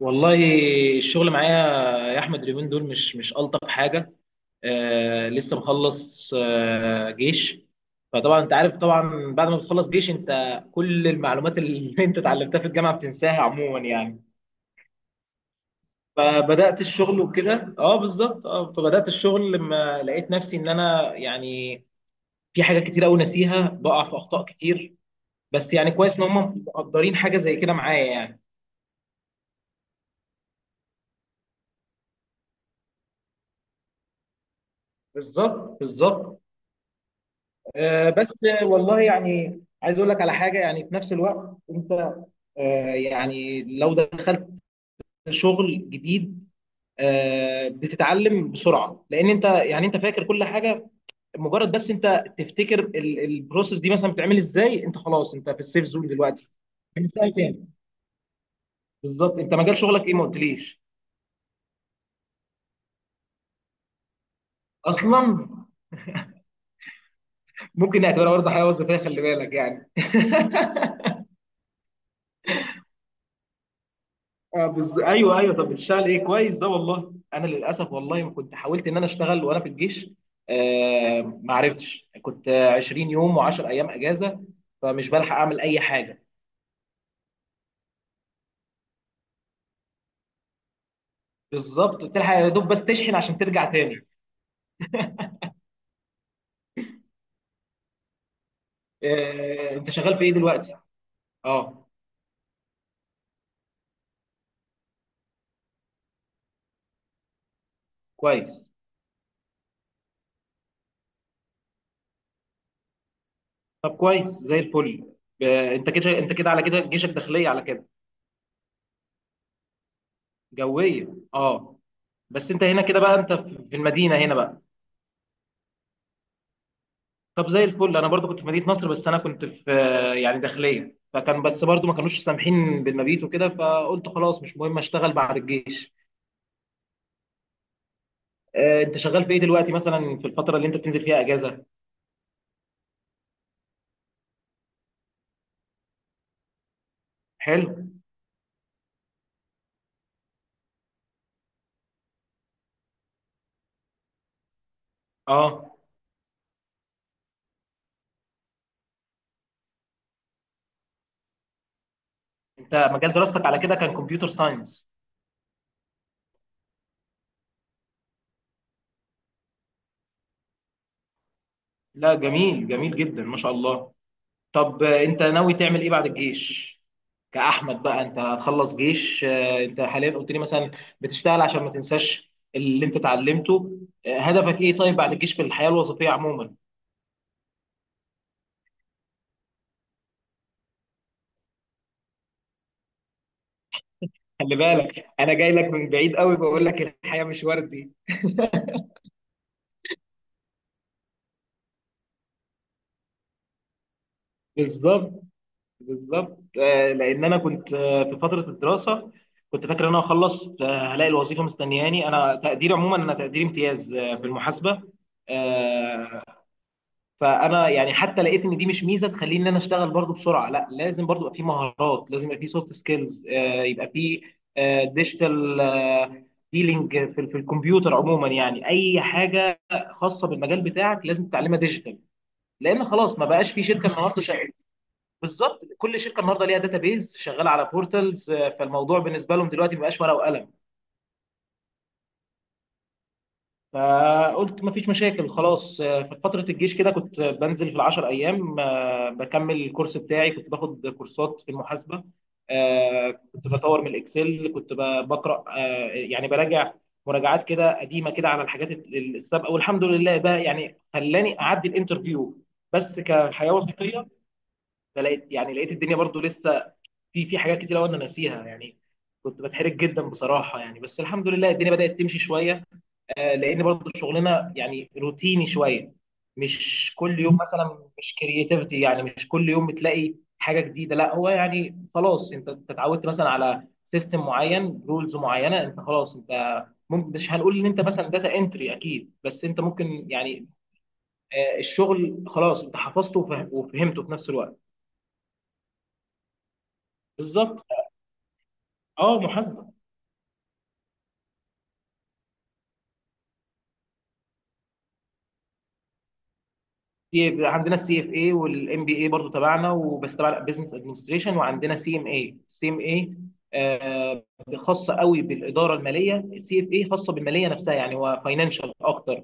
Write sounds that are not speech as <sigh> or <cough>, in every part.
والله، الشغل معايا يا احمد. اليومين دول مش الطف حاجه. آه، لسه مخلص جيش. فطبعا انت عارف، طبعا بعد ما بتخلص جيش انت كل المعلومات اللي <laughs> انت اتعلمتها في الجامعه بتنساها عموما يعني. فبدات الشغل وكده اه بالظبط اه فبدات الشغل لما لقيت نفسي ان انا يعني في حاجات كتير قوي ناسيها، بقع في اخطاء كتير. بس يعني كويس ان هم مقدرين حاجه زي كده معايا يعني. بالظبط بالظبط. بس والله يعني عايز اقول لك على حاجه، يعني في نفس الوقت انت يعني لو دخلت شغل جديد. بتتعلم بسرعه، لان انت يعني انت فاكر كل حاجه. مجرد بس انت تفتكر البروسيس دي مثلا بتعمل ازاي، انت خلاص انت في السيف زون دلوقتي من سنه تاني. بالظبط، انت مجال شغلك ايه؟ ما قلتليش اصلا. ممكن نعتبرها برضه حياه وظيفيه، خلي بالك يعني <laughs> ايوه ايوه، طب بتشتغل ايه؟ كويس ده. والله انا للاسف، والله ما كنت حاولت ان انا اشتغل وانا في الجيش. ما عرفتش، كنت 20 يوم و10 ايام اجازه، فمش بلحق اعمل اي حاجه. بالظبط، بتلحق يا دوب بس تشحن عشان ترجع تاني. انت شغال في ايه دلوقتي؟ اه. كويس. طب كويس زي الفل. انت كده، انت كده على كده جيشك داخليه على كده؟ جويه. اه. بس انت هنا كده بقى، انت في المدينه هنا بقى. طب زي الفل، انا برضو كنت في مدينه نصر، بس انا كنت في يعني داخليه، فكان بس برضو ما كانوش سامحين بالمبيت وكده، فقلت خلاص مش مهم، اشتغل بعد الجيش. انت شغال في ايه دلوقتي مثلا في الفتره اللي انت بتنزل فيها اجازه؟ حلو. اه، انت مجال دراستك على كده كان كمبيوتر ساينس؟ لا، جميل جميل جدا ما شاء الله. طب انت ناوي تعمل ايه بعد الجيش؟ كأحمد بقى انت هتخلص جيش. انت حاليا قلت لي مثلا بتشتغل عشان ما تنساش اللي انت اتعلمته. هدفك ايه طيب بعد الجيش في الحياة الوظيفية عموما؟ خلي بالك، انا جاي لك من بعيد قوي بقول لك الحياة مش وردي. بالظبط بالظبط. لان انا كنت في فترة الدراسة كنت فاكر ان انا خلصت هلاقي الوظيفة مستنياني، انا تقديري عموما، انا تقديري امتياز في المحاسبة. فانا يعني حتى لقيت ان دي مش ميزه تخليني ان انا اشتغل برضو بسرعه، لا لازم برضو يبقى في مهارات، لازم يبقى في سوفت سكيلز، يبقى في ديجيتال ديلينج في الكمبيوتر عموما، يعني اي حاجه خاصه بالمجال بتاعك لازم تتعلمها ديجيتال. لان خلاص ما بقاش في شركه النهارده شغاله. بالظبط، كل شركه النهارده ليها داتابيز شغاله على بورتالز، فالموضوع بالنسبه لهم دلوقتي ما بقاش ورقه وقلم. فقلت مفيش مشاكل خلاص. في فترة الجيش كده كنت بنزل في العشر أيام، بكمل الكورس بتاعي، كنت باخد كورسات في المحاسبة. كنت بطور من الإكسل، كنت بقرأ، يعني براجع مراجعات كده قديمة كده على الحاجات السابقة، والحمد لله ده يعني خلاني أعدي الانترفيو بس كحياة وظيفية. فلقيت، يعني لقيت الدنيا برضو لسه في حاجات كتير أوي أنا ناسيها يعني، كنت بتحرج جدا بصراحة يعني، بس الحمد لله الدنيا بدأت تمشي شوية. لان برضو شغلنا يعني روتيني شويه، مش كل يوم مثلا، مش كرياتيفيتي يعني، مش كل يوم بتلاقي حاجه جديده، لا هو يعني خلاص انت اتعودت مثلا على سيستم معين رولز معينه، انت خلاص انت ممكن، مش هنقول ان انت مثلا داتا انتري اكيد، بس انت ممكن يعني الشغل خلاص انت حفظته وفهمته في نفس الوقت. بالظبط. اه محاسبه. في عندنا السي اف اي والام بي اي برضو تبعنا، وبس تبع بزنس ادمنستريشن، وعندنا سي ام اي سي ام اي. خاصه قوي بالاداره الماليه، السي اف اي خاصه بالماليه نفسها يعني، هو فاينانشال اكتر.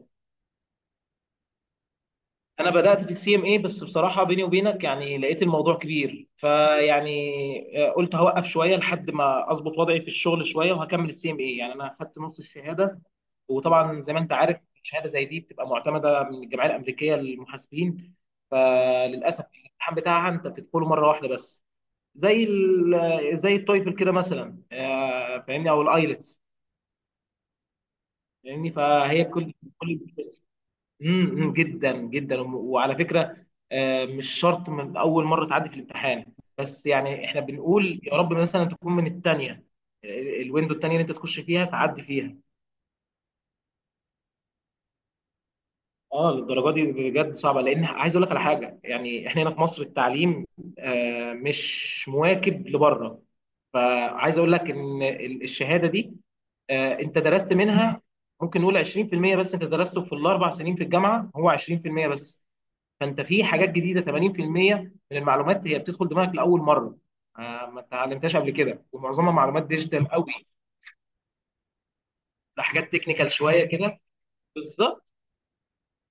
انا بدات في السي ام اي بس بصراحه بيني وبينك يعني لقيت الموضوع كبير، فيعني قلت هوقف شويه لحد ما اظبط وضعي في الشغل شويه وهكمل السي ام اي، يعني انا خدت نص الشهاده. وطبعا زي ما انت عارف، شهاده زي دي بتبقى معتمده من الجمعيه الامريكيه للمحاسبين، فللاسف الامتحان بتاعها انت بتدخله مره واحده بس، زي التويفل كده مثلا، فاهمني، او الايلتس. فاهمني، فهي كل، كل جدا جدا. وعلى فكره، مش شرط من اول مره تعدي في الامتحان، بس يعني احنا بنقول يا رب مثلا تكون من الثانيه، الويندو الثانيه اللي انت تخش فيها تعدي فيها. اه، للدرجه دي بجد صعبه، لان عايز اقول لك على حاجه يعني، احنا هنا في مصر التعليم مش مواكب لبره. فعايز اقول لك ان الشهاده دي انت درست منها ممكن نقول 20% بس، انت درسته في الاربع سنين في الجامعه هو 20% بس. فانت في حاجات جديده 80% من المعلومات هي بتدخل دماغك لاول مره، ما اتعلمتهاش قبل كده، ومعظمها معلومات ديجيتال قوي. حاجات تكنيكال شويه كده. بالظبط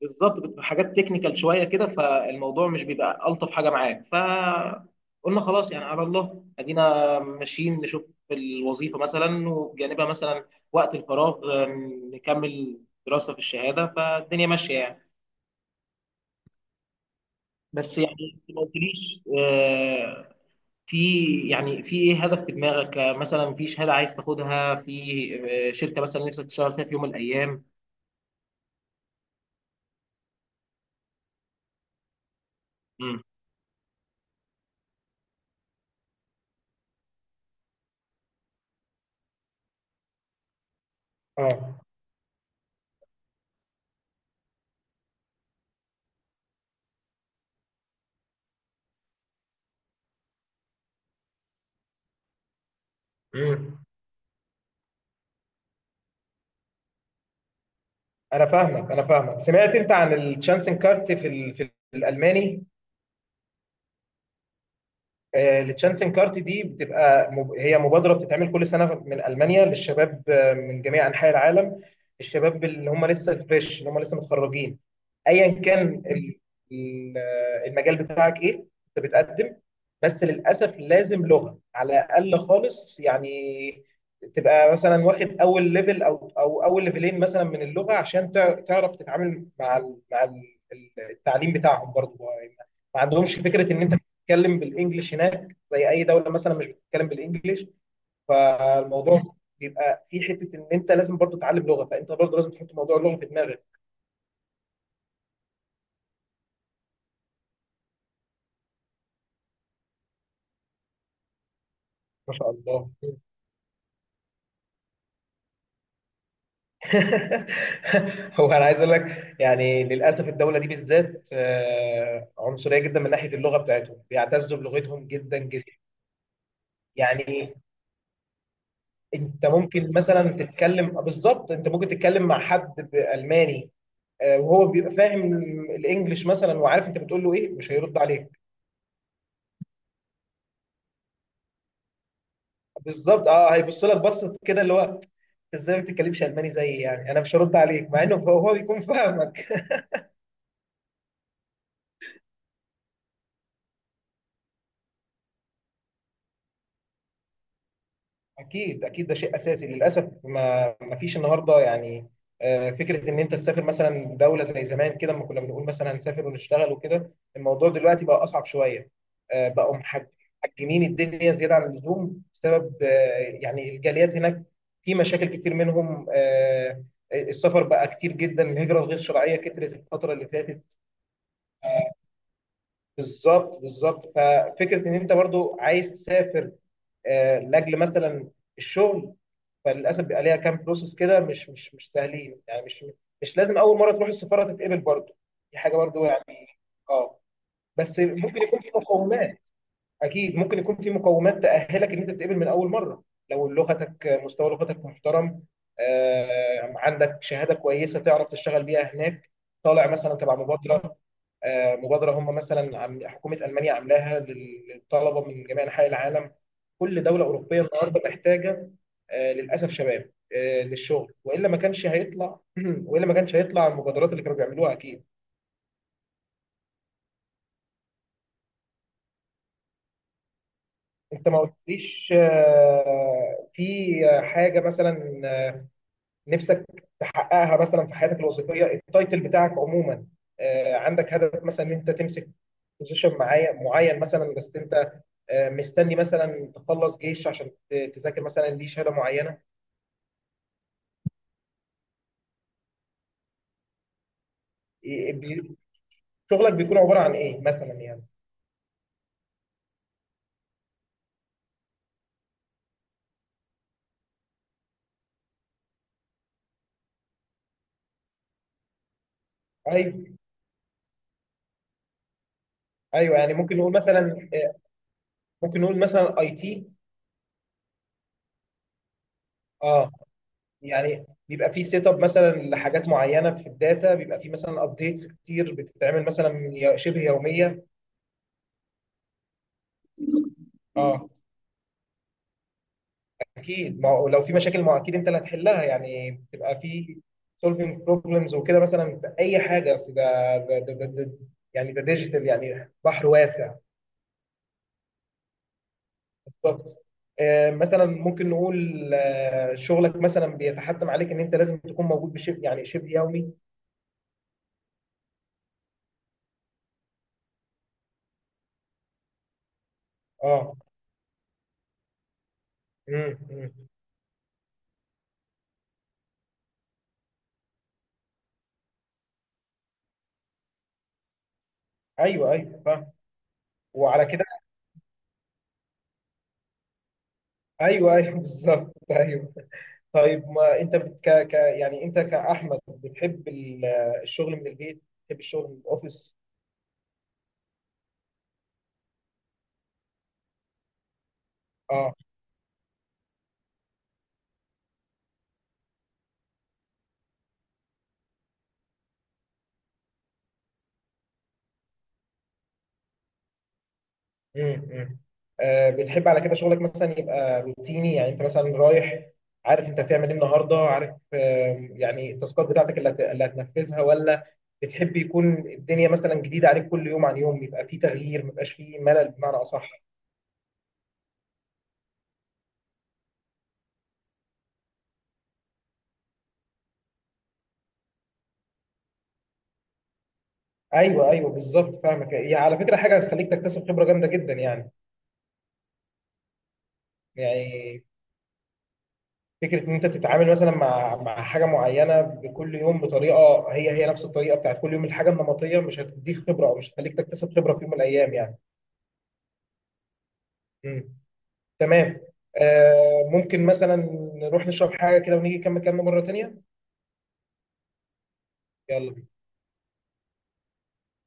بالظبط، بتبقى حاجات تكنيكال شويه كده، فالموضوع مش بيبقى الطف حاجه معاك، فقلنا خلاص يعني على الله ادينا ماشيين نشوف الوظيفه مثلا، وبجانبها مثلا وقت الفراغ نكمل دراسه في الشهاده، فالدنيا ماشيه يعني. بس يعني انت ما قلتليش، في يعني في ايه هدف في دماغك، مثلا في شهاده عايز تاخدها في شركه مثلا نفسك تشتغل فيها في يوم من الايام؟ امم. اه. امم. انا فاهمك انا فاهمك، سمعت انت عن الشانسن كارت في الالماني؟ التشانسن كارت دي بتبقى هي مبادره بتتعمل كل سنه من المانيا للشباب من جميع انحاء العالم، الشباب اللي هم لسه فريش، اللي هم لسه متخرجين. ايا كان المجال بتاعك ايه انت بتقدم. بس للاسف لازم لغه على الاقل، خالص يعني تبقى مثلا واخد اول ليفل او اول ليفلين مثلا من اللغه، عشان تعرف تتعامل مع التعليم بتاعهم برضه. ما عندهمش فكره ان انت بتتكلم بالانجلش هناك، زي اي دوله مثلا مش بتتكلم بالانجلش. فالموضوع بيبقى في حته ان انت لازم برضو تتعلم لغه، فانت برضو لازم تحط موضوع اللغه في دماغك. ما شاء الله. <laughs> هو انا عايز اقول لك يعني للاسف الدوله دي بالذات عنصريه جدا من ناحيه اللغه بتاعتهم، بيعتزوا بلغتهم جدا جدا يعني. انت ممكن مثلا تتكلم، بالظبط انت ممكن تتكلم مع حد بالماني وهو بيبقى فاهم الانجليش مثلا، وعارف انت بتقول له ايه، مش هيرد عليك. بالظبط اه، هيبص لك بصه كده اللي هو "أنت ازاي ما بتتكلمش الماني زيي، يعني انا مش هرد عليك"، مع انه هو بيكون فاهمك. اكيد اكيد ده شيء اساسي، للاسف ما فيش النهارده يعني فكره ان انت تسافر مثلا دوله زي زمان كده، لما كنا بنقول مثلا هنسافر ونشتغل وكده، الموضوع دلوقتي بقى اصعب شويه. آه، بقوا محج- محجمين الدنيا زياده عن اللزوم بسبب يعني الجاليات هناك، في مشاكل كتير منهم السفر بقى كتير جدا، الهجره الغير شرعيه كترت الفتره اللي فاتت. بالظبط بالظبط، ففكره ان انت برضو عايز تسافر لاجل مثلا الشغل، فللاسف بيبقى ليها كام بروسس كده، مش سهلين يعني، مش، مش لازم اول مره تروح السفاره تتقبل برضو، دي حاجه برضو يعني. اه. بس ممكن يكون في مقومات، اكيد ممكن يكون في مقومات تاهلك ان انت تتقبل من اول مره، لو مستوى لغتك محترم، عندك شهاده كويسه تعرف تشتغل بيها هناك. طالع مثلا تبع مبادره، مبادره هم مثلا حكومه المانيا عاملاها للطلبه من جميع انحاء العالم. كل دوله اوروبيه النهارده محتاجه للاسف شباب للشغل، والا ما كانش هيطلع <clears throat> والا ما كانش هيطلع المبادرات اللي كانوا بيعملوها اكيد. انت ما قلتليش، في حاجه مثلا نفسك تحققها مثلا في حياتك الوظيفيه، التايتل بتاعك عموما عندك هدف مثلا ان انت تمسك بوزيشن معين مثلا، بس انت مستني مثلا تخلص جيش عشان تذاكر مثلا ليه شهاده معينه؟ إيه- إيه، بي- شغلك بيكون عباره عن ايه مثلا يعني؟ ايوه ايوه، يعني ممكن نقول مثلا ممكن نقول مثلا اي تي. اه. يعني بيبقى في سيت اب مثلا لحاجات معينه في الداتا، بيبقى في مثلا ابديتس كتير بتتعمل مثلا شبه يوميه. اه. اكيد، ما هو لو في مشاكل ما هو اكيد انت اللي هتحلها يعني، بتبقى في سولفينج بروبلمز وكده مثلا في اي حاجه، اصل ده، ده ده ده ده- يعني ده ديجيتال يعني بحر واسع. بالظبط. مثلا ممكن نقول شغلك مثلا بيتحتم عليك ان انت لازم تكون موجود بشبه، يعني شبه يومي. اه. أمم. ايوه ايوه فاهم. وعلى كده، ايوه ايوه <laughs> بالظبط ايوه. طيب ما انت بت- ك ك يعني انت كاحمد بتحب الشغل من البيت، بتحب الشغل من الاوفيس؟ اه. امم. بتحب على كده شغلك مثلا يبقى روتيني، يعني انت مثلا رايح عارف انت هتعمل ايه النهارده، عارف يعني التاسكات بتاعتك اللي هتنفذها، ولا بتحب يكون الدنيا مثلا جديده عليك كل يوم عن يوم، يبقى في تغيير ما يبقاش في ملل بمعنى اصح؟ ايوه ايوه بالظبط فاهمك، هي على فكره حاجه هتخليك تكتسب خبره جامده جدا يعني، يعني فكره ان انت تتعامل مثلا مع حاجه معينه بكل يوم بطريقه هي نفس الطريقه بتاعت كل يوم، الحاجه النمطيه مش هتديك خبره او مش هتخليك تكتسب خبره في يوم من الايام يعني. مم. تمام. ممكن مثلا نروح نشرب حاجة كده ونيجي نكمل كلامنا مرة تانية. يلا.